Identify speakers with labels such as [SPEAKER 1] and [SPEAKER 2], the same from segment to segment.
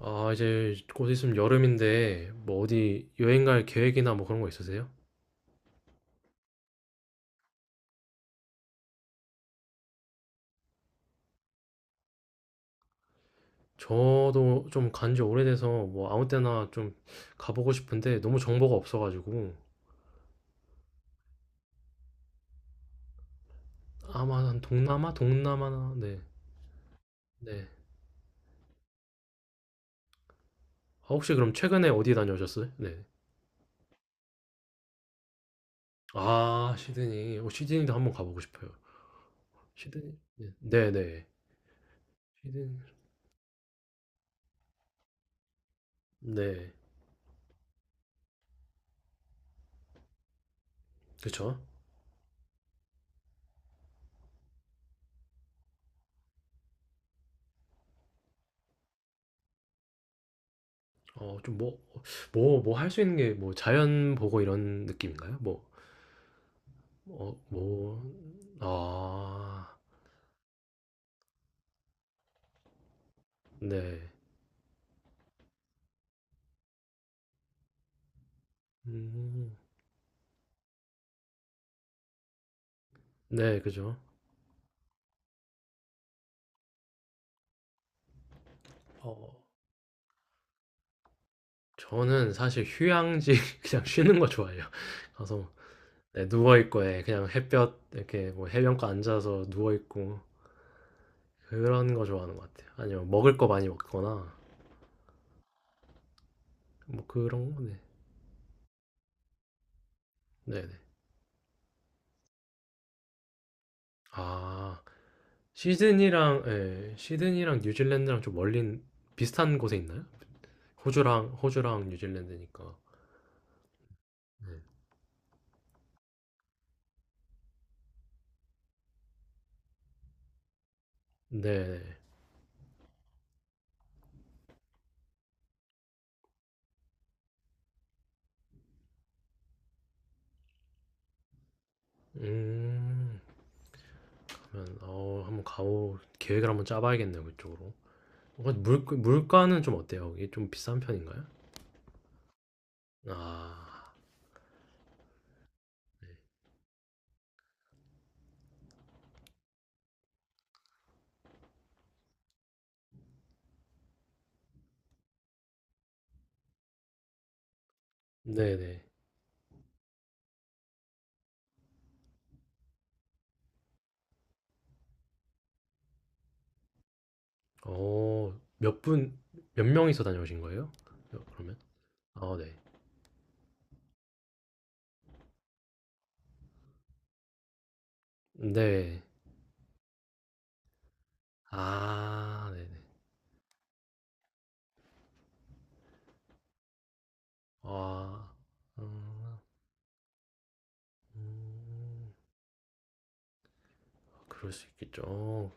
[SPEAKER 1] 아, 이제 곧 있으면 여름인데, 뭐 어디 여행 갈 계획이나 뭐 그런 거 있으세요? 저도 좀 간지 오래돼서 뭐 아무 때나 좀 가보고 싶은데 너무 정보가 없어가지고 아마 한 동남아? 동남아나? 네. 네. 아, 혹시 그럼 최근에 어디 다녀오셨어요? 네. 아, 시드니. 시드니도 한번 가보고 싶어요. 시드니? 네. 네네. 시드니. 네. 그쵸? 어, 좀 뭐, 뭐 할 수 있는 게 뭐 자연 보고 이런 느낌인가요? 뭐. 어, 뭐, 아, 네. 음, 네, 그죠. 어, 저는 사실 휴양지 그냥 쉬는 거 좋아해요. 가서 뭐, 네, 누워있고, 예, 그냥 햇볕, 이렇게 뭐 해변가 앉아서 누워있고, 그런 거 좋아하는 것 같아요. 아니면 먹을 거 많이 먹거나, 뭐 그런 거, 네. 네네. 아, 시드니랑, 예, 시드니랑 뉴질랜드랑 좀 멀린, 비슷한 곳에 있나요? 호주랑, 호주랑 뉴질랜드니까. 네네. 음. 한번 가오 계획을 한번 짜봐야겠네요, 그쪽으로. 어, 물 물가는 좀 어때요? 거기 좀 비싼 편인가요? 아, 네네. 어몇분몇 명이서 다녀오신 거예요? 그러면? 아, 네. 네. 아, 네네. 아. 음, 음, 그럴 수 있겠죠. 어,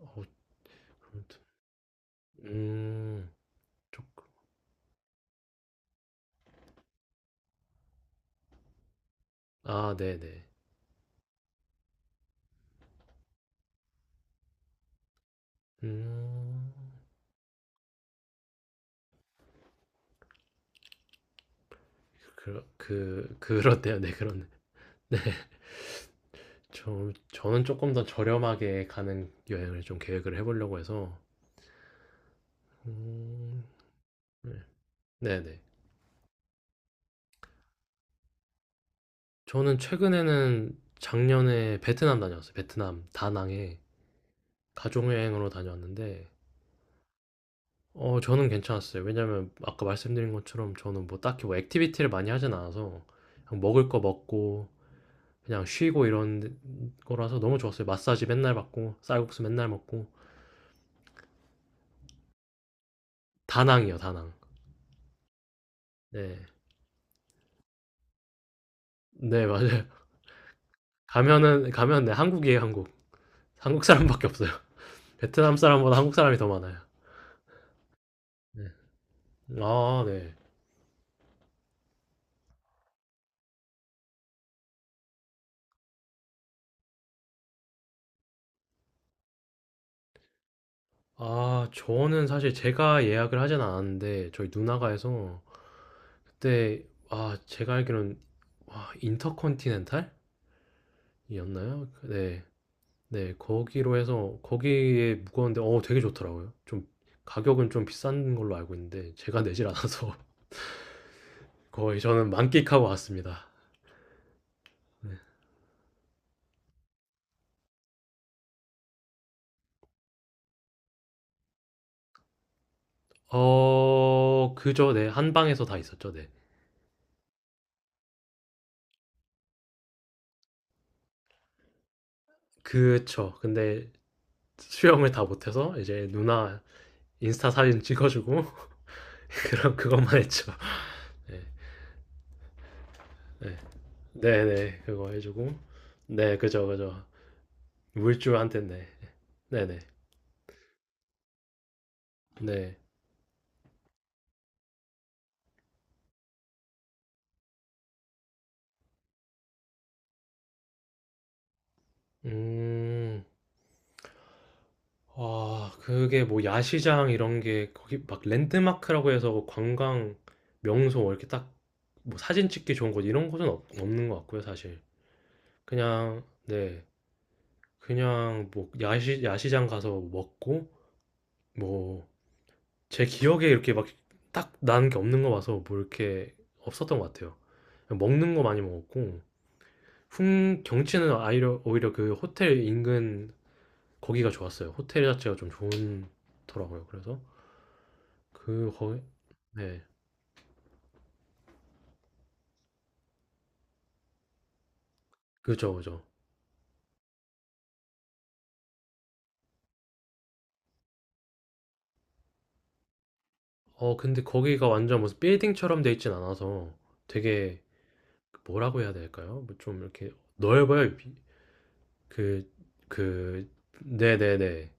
[SPEAKER 1] 어, 아무튼. 음, 쪽, 아, 네네. 음, 그렇대요. 네, 그렇네. 저는 조금 더 저렴하게 가는 여행을 좀 계획을 해보려고 해서, 음, 네. 네네. 저는 최근에는 작년에 베트남 다녀왔어요. 베트남, 다낭에 가족여행으로 다녀왔는데, 저는 괜찮았어요. 왜냐면 아까 말씀드린 것처럼 저는 뭐 딱히 뭐 액티비티를 많이 하진 않아서, 그냥 먹을 거 먹고, 그냥 쉬고 이런 거라서 너무 좋았어요. 마사지 맨날 받고, 쌀국수 맨날 먹고, 다낭이요, 다낭. 네. 네, 맞아요. 가면은, 가면, 네, 한국이에요, 한국. 한국 사람밖에 없어요. 베트남 사람보다 한국 사람이 더 많아요. 네. 아, 네. 아, 저는 사실 제가 예약을 하진 않았는데 저희 누나가 해서 그때 아, 제가 알기로는 와, 인터컨티넨탈이었나요? 네. 네, 거기로 해서 거기에 묵었는데 되게 좋더라고요. 좀 가격은 좀 비싼 걸로 알고 있는데 제가 내질 않아서 거의 저는 만끽하고 왔습니다. 네. 어, 그죠. 네. 한 방에서 다 있었죠. 네. 그쵸. 근데 수영을 다 못해서 이제 누나 인스타 사진 찍어주고 그런 그것만 했죠. 네, 네, 네, 네, 그거 해주고 네, 그죠, 그죠. 물주한테 네, 네, 네, 네. 음, 아, 그게 뭐 야시장 이런 게 거기 막 랜드마크라고 해서 뭐 관광 명소 뭐 이렇게 딱 뭐 사진 찍기 좋은 곳 이런 곳은 없는 것 같고요, 사실. 그냥 네, 그냥 뭐 야시장 가서 먹고 뭐 제 기억에 이렇게 막 딱 나는 게 없는 거 봐서 뭐 이렇게 없었던 것 같아요. 먹는 거 많이 먹었고 풍 경치는 오히려 그 호텔 인근 거기가 좋았어요. 호텔 자체가 좀 좋더라고요. 그래서 그 거기 네, 그죠, 그죠. 근데 거기가 완전 무슨 빌딩처럼 돼 있진 않아서 되게 뭐라고 해야 될까요? 뭐좀 이렇게 넓어요. 그그 네네네, 그 네, 네, 네.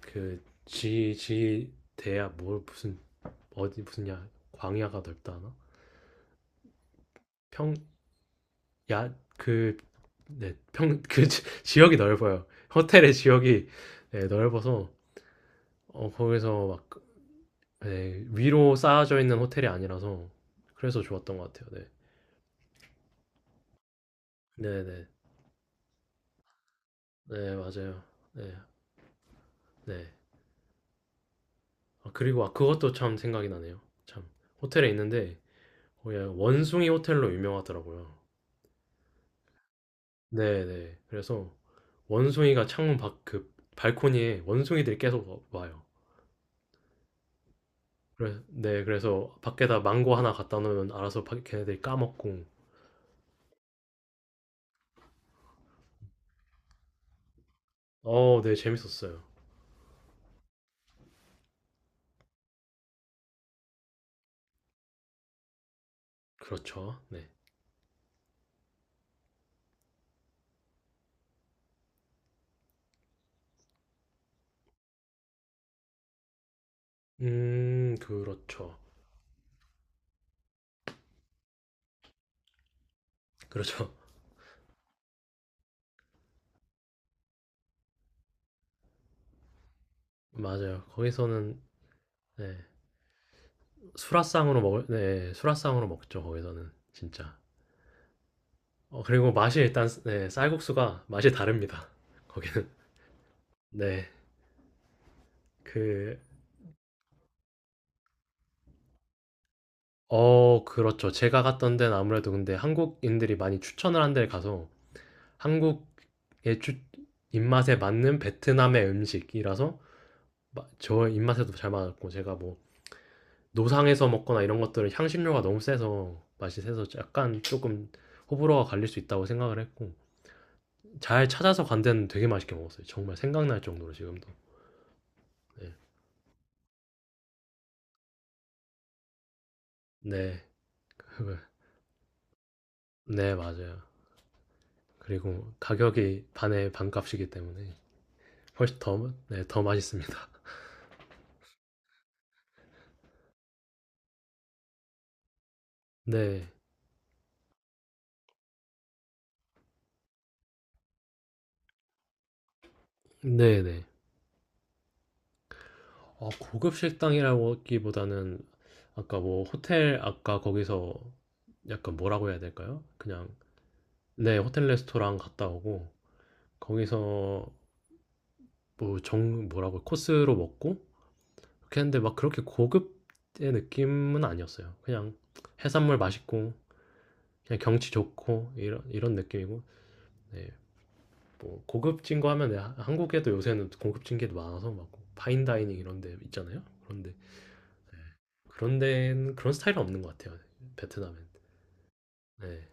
[SPEAKER 1] 그 지지 대야 뭘 무슨 어디 무슨 야 광야가 넓다 하나? 평야그네평그 지역이 넓어요. 호텔의 지역이 네, 넓어서 어, 거기서 막 네, 위로 쌓아져 있는 호텔이 아니라서 그래서 좋았던 것 같아요. 네. 네네. 네, 맞아요. 네. 네. 아, 그리고 아, 그것도 참 생각이 나네요. 참. 호텔에 있는데 거기 원숭이 호텔로 유명하더라고요. 네네. 그래서 원숭이가 창문 밖 그 발코니에 원숭이들이 계속 와요. 그래, 네, 그래서 밖에다 망고 하나 갖다 놓으면 알아서 밖 걔네들이 까먹고. 어, 네, 재밌었어요. 그렇죠. 네. 그렇죠. 그렇죠. 맞아요. 거기서는 네, 네, 수라상으로 먹죠. 거기서는 진짜. 그리고 맛이 일단 네, 쌀국수가 맛이 다릅니다. 거기는. 네. 그 어, 그렇죠. 제가 갔던 데는 아무래도 근데 한국인들이 많이 추천을 한 데를 가서 한국의 주, 입맛에 맞는 베트남의 음식이라서 저 입맛에도 잘 맞았고 제가 뭐 노상에서 먹거나 이런 것들은 향신료가 너무 세서 맛이 세서 약간 조금 호불호가 갈릴 수 있다고 생각을 했고 잘 찾아서 간 데는 되게 맛있게 먹었어요. 정말 생각날 정도로 지금도. 네. 네. 네, 맞아요. 그리고 가격이 반의 반값이기 때문에 훨씬 더, 네, 더 맛있습니다. 네. 네, 네. 아, 고급 식당이라기보다는 아까 뭐 호텔 아까 거기서 약간 뭐라고 해야 될까요? 그냥 네, 호텔 레스토랑 갔다 오고 거기서 뭐 정 뭐라고 코스로 먹고 그렇게 했는데 막 그렇게 고급의 느낌은 아니었어요. 그냥 해산물 맛있고 그냥 경치 좋고 이런 느낌이고 네, 뭐 고급진 거 하면 네, 한국에도 요새는 고급진 게 많아서 막 파인다이닝 이런 데 있잖아요. 그런데 네. 그런 데는 그런 스타일은 없는 것 같아요. 베트남은. 네.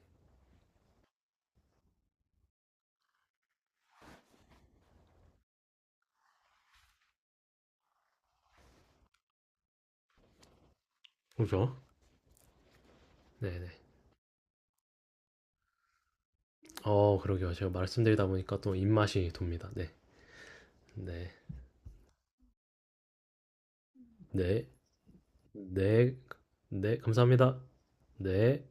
[SPEAKER 1] 그죠? 네네. 어, 그러게요. 제가 말씀드리다 보니까 또 입맛이 돕니다. 네. 네. 네. 네. 네. 감사합니다. 네.